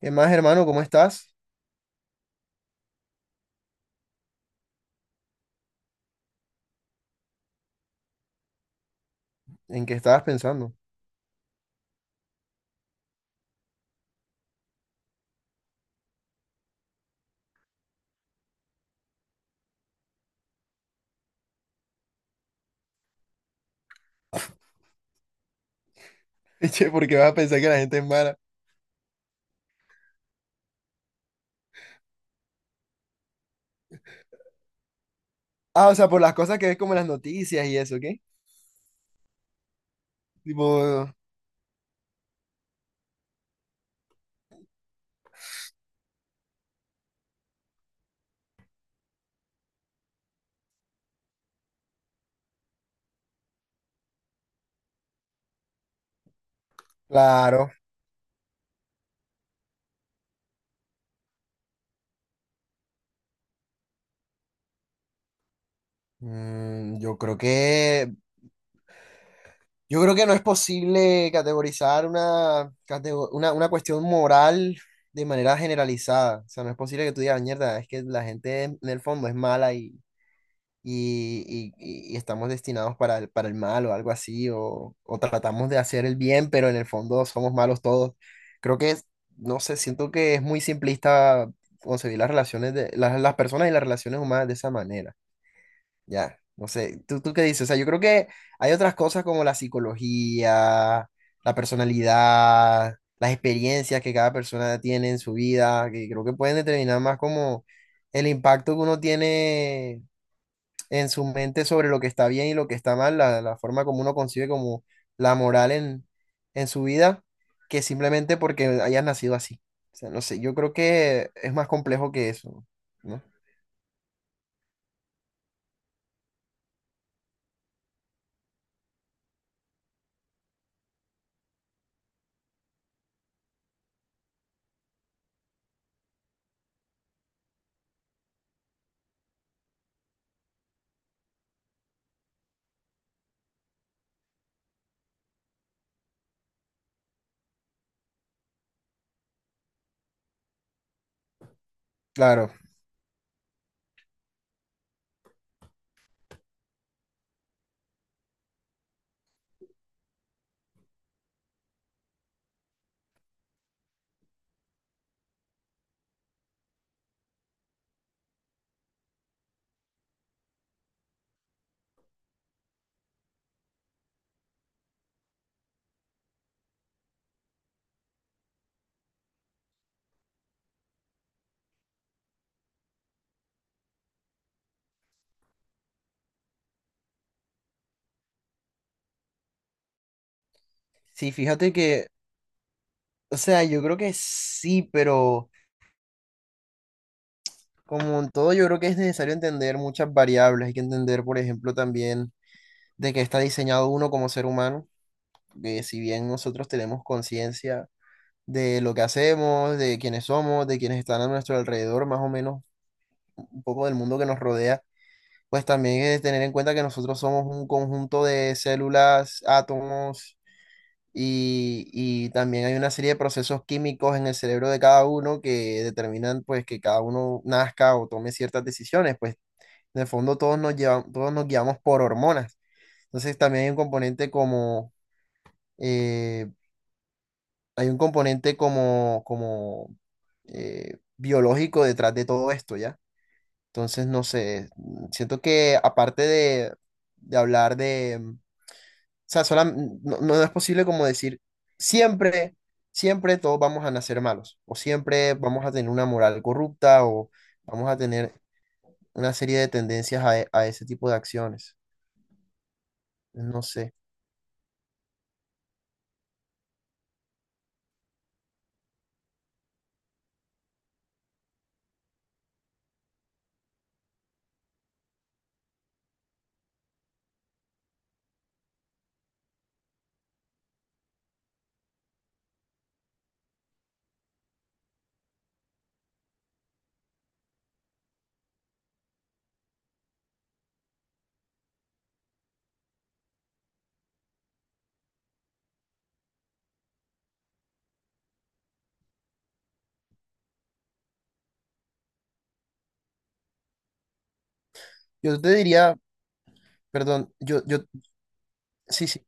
¿Qué más, hermano? ¿Cómo estás? ¿En qué estabas pensando? Che, ¿por qué vas a pensar que la gente es mala? Ah, o sea, por las cosas que ves como en las noticias y eso, ¿qué? Tipo, claro. Mm, yo creo que, yo creo que no es posible categorizar una cuestión moral de manera generalizada. O sea, no es posible que tú digas, mierda, es que la gente en el fondo es mala y estamos destinados para el mal o algo así, o tratamos de hacer el bien, pero en el fondo somos malos todos. Creo que es, no sé, siento que es muy simplista concebir las relaciones de las personas y las relaciones humanas de esa manera. Ya, no sé, tú qué dices? O sea, yo creo que hay otras cosas como la psicología, la personalidad, las experiencias que cada persona tiene en su vida, que creo que pueden determinar más como el impacto que uno tiene en su mente sobre lo que está bien y lo que está mal, la forma como uno concibe como la moral en su vida, que simplemente porque hayas nacido así. O sea, no sé, yo creo que es más complejo que eso, ¿no? Claro, sí, fíjate que, o sea, yo creo que sí, pero como en todo, yo creo que es necesario entender muchas variables. Hay que entender, por ejemplo, también de qué está diseñado uno como ser humano, que si bien nosotros tenemos conciencia de lo que hacemos, de quiénes somos, de quienes están a nuestro alrededor, más o menos un poco del mundo que nos rodea, pues también es tener en cuenta que nosotros somos un conjunto de células, átomos y también hay una serie de procesos químicos en el cerebro de cada uno que determinan pues que cada uno nazca o tome ciertas decisiones, pues en el fondo todos nos llevamos, todos nos guiamos por hormonas. Entonces también hay un componente como... eh, hay un componente como biológico detrás de todo esto, ¿ya? Entonces, no sé, siento que aparte de hablar de, o sea, no es posible como decir, siempre, siempre todos vamos a nacer malos, o siempre vamos a tener una moral corrupta, o vamos a tener una serie de tendencias a, a ese tipo de acciones. No sé. Yo te diría, perdón, yo, sí, sí,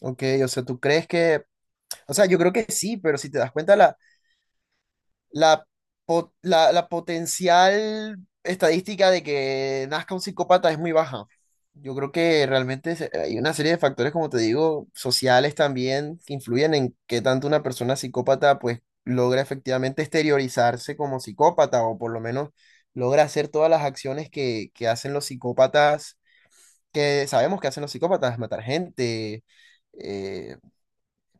ok, o sea, tú crees que... O sea, yo creo que sí, pero si te das cuenta, la, la potencial estadística de que nazca un psicópata es muy baja. Yo creo que realmente hay una serie de factores, como te digo, sociales también, que influyen en qué tanto una persona psicópata pues logra efectivamente exteriorizarse como psicópata o por lo menos logra hacer todas las acciones que hacen los psicópatas, que sabemos que hacen los psicópatas, matar gente, eh,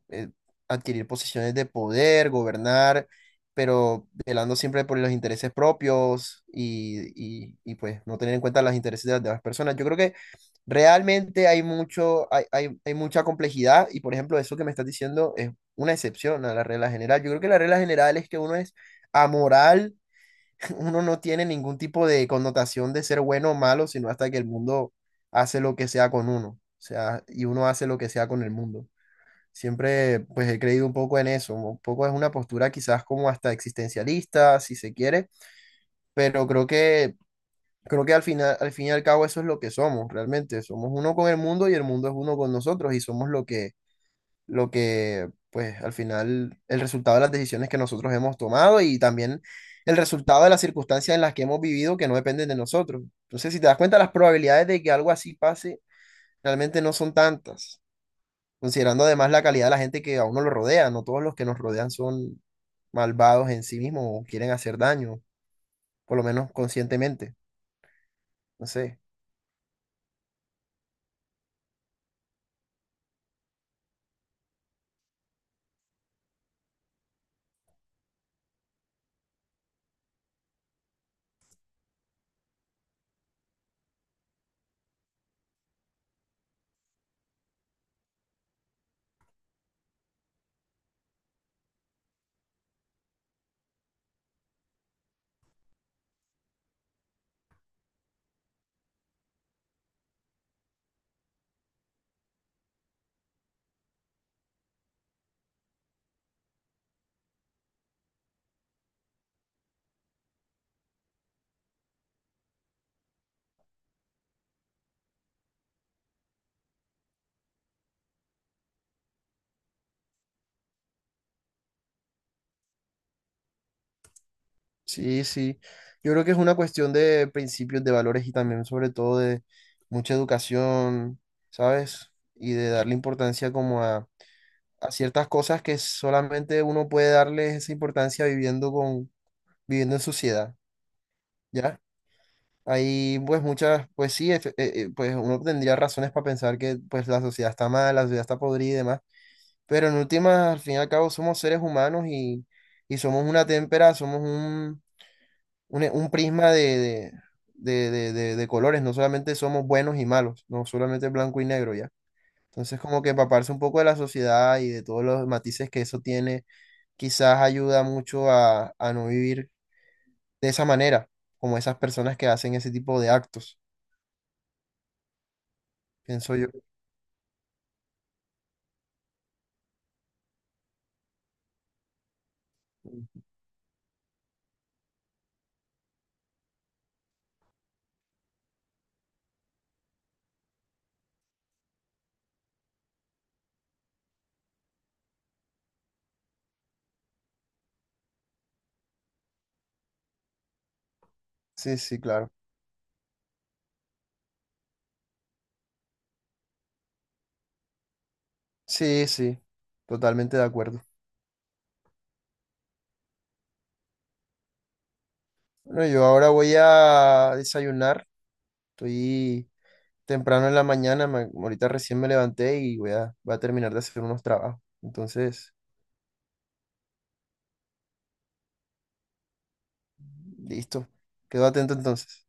eh, adquirir posiciones de poder, gobernar, pero velando siempre por los intereses propios y, pues no tener en cuenta los intereses de las demás personas. Yo creo que realmente hay mucho, hay mucha complejidad y por ejemplo eso que me estás diciendo es una excepción a la regla general. Yo creo que la regla general es que uno es amoral, uno no tiene ningún tipo de connotación de ser bueno o malo, sino hasta que el mundo hace lo que sea con uno. O sea, y uno hace lo que sea con el mundo. Siempre pues he creído un poco en eso, un poco es una postura quizás como hasta existencialista, si se quiere, pero creo que al final al fin y al cabo eso es lo que somos realmente, somos uno con el mundo y el mundo es uno con nosotros y somos lo que pues al final el resultado de las decisiones que nosotros hemos tomado y también el resultado de las circunstancias en las que hemos vivido que no dependen de nosotros. Entonces, si te das cuenta, las probabilidades de que algo así pase realmente no son tantas considerando además la calidad de la gente que a uno lo rodea. No todos los que nos rodean son malvados en sí mismos o quieren hacer daño, por lo menos conscientemente. No sé. Sí, sí. Yo creo que es una cuestión de principios, de valores y también sobre todo de mucha educación, ¿sabes? Y de darle importancia como a ciertas cosas que solamente uno puede darle esa importancia viviendo con, viviendo en sociedad, ¿ya? Hay pues muchas, pues sí, pues uno tendría razones para pensar que pues la sociedad está mal, la sociedad está podrida y demás, pero en últimas, al fin y al cabo, somos seres humanos y somos una témpera, somos un prisma de colores, no solamente somos buenos y malos, no solamente blanco y negro ya. Entonces como que empaparse un poco de la sociedad y de todos los matices que eso tiene, quizás ayuda mucho a no vivir de esa manera, como esas personas que hacen ese tipo de actos, pienso yo. Sí, sí, claro. Sí, sí, totalmente de acuerdo. Bueno, yo ahora voy a desayunar. Estoy temprano en la mañana, ahorita recién me levanté y voy a, voy a terminar de hacer unos trabajos. Entonces, listo. Quedo atento entonces.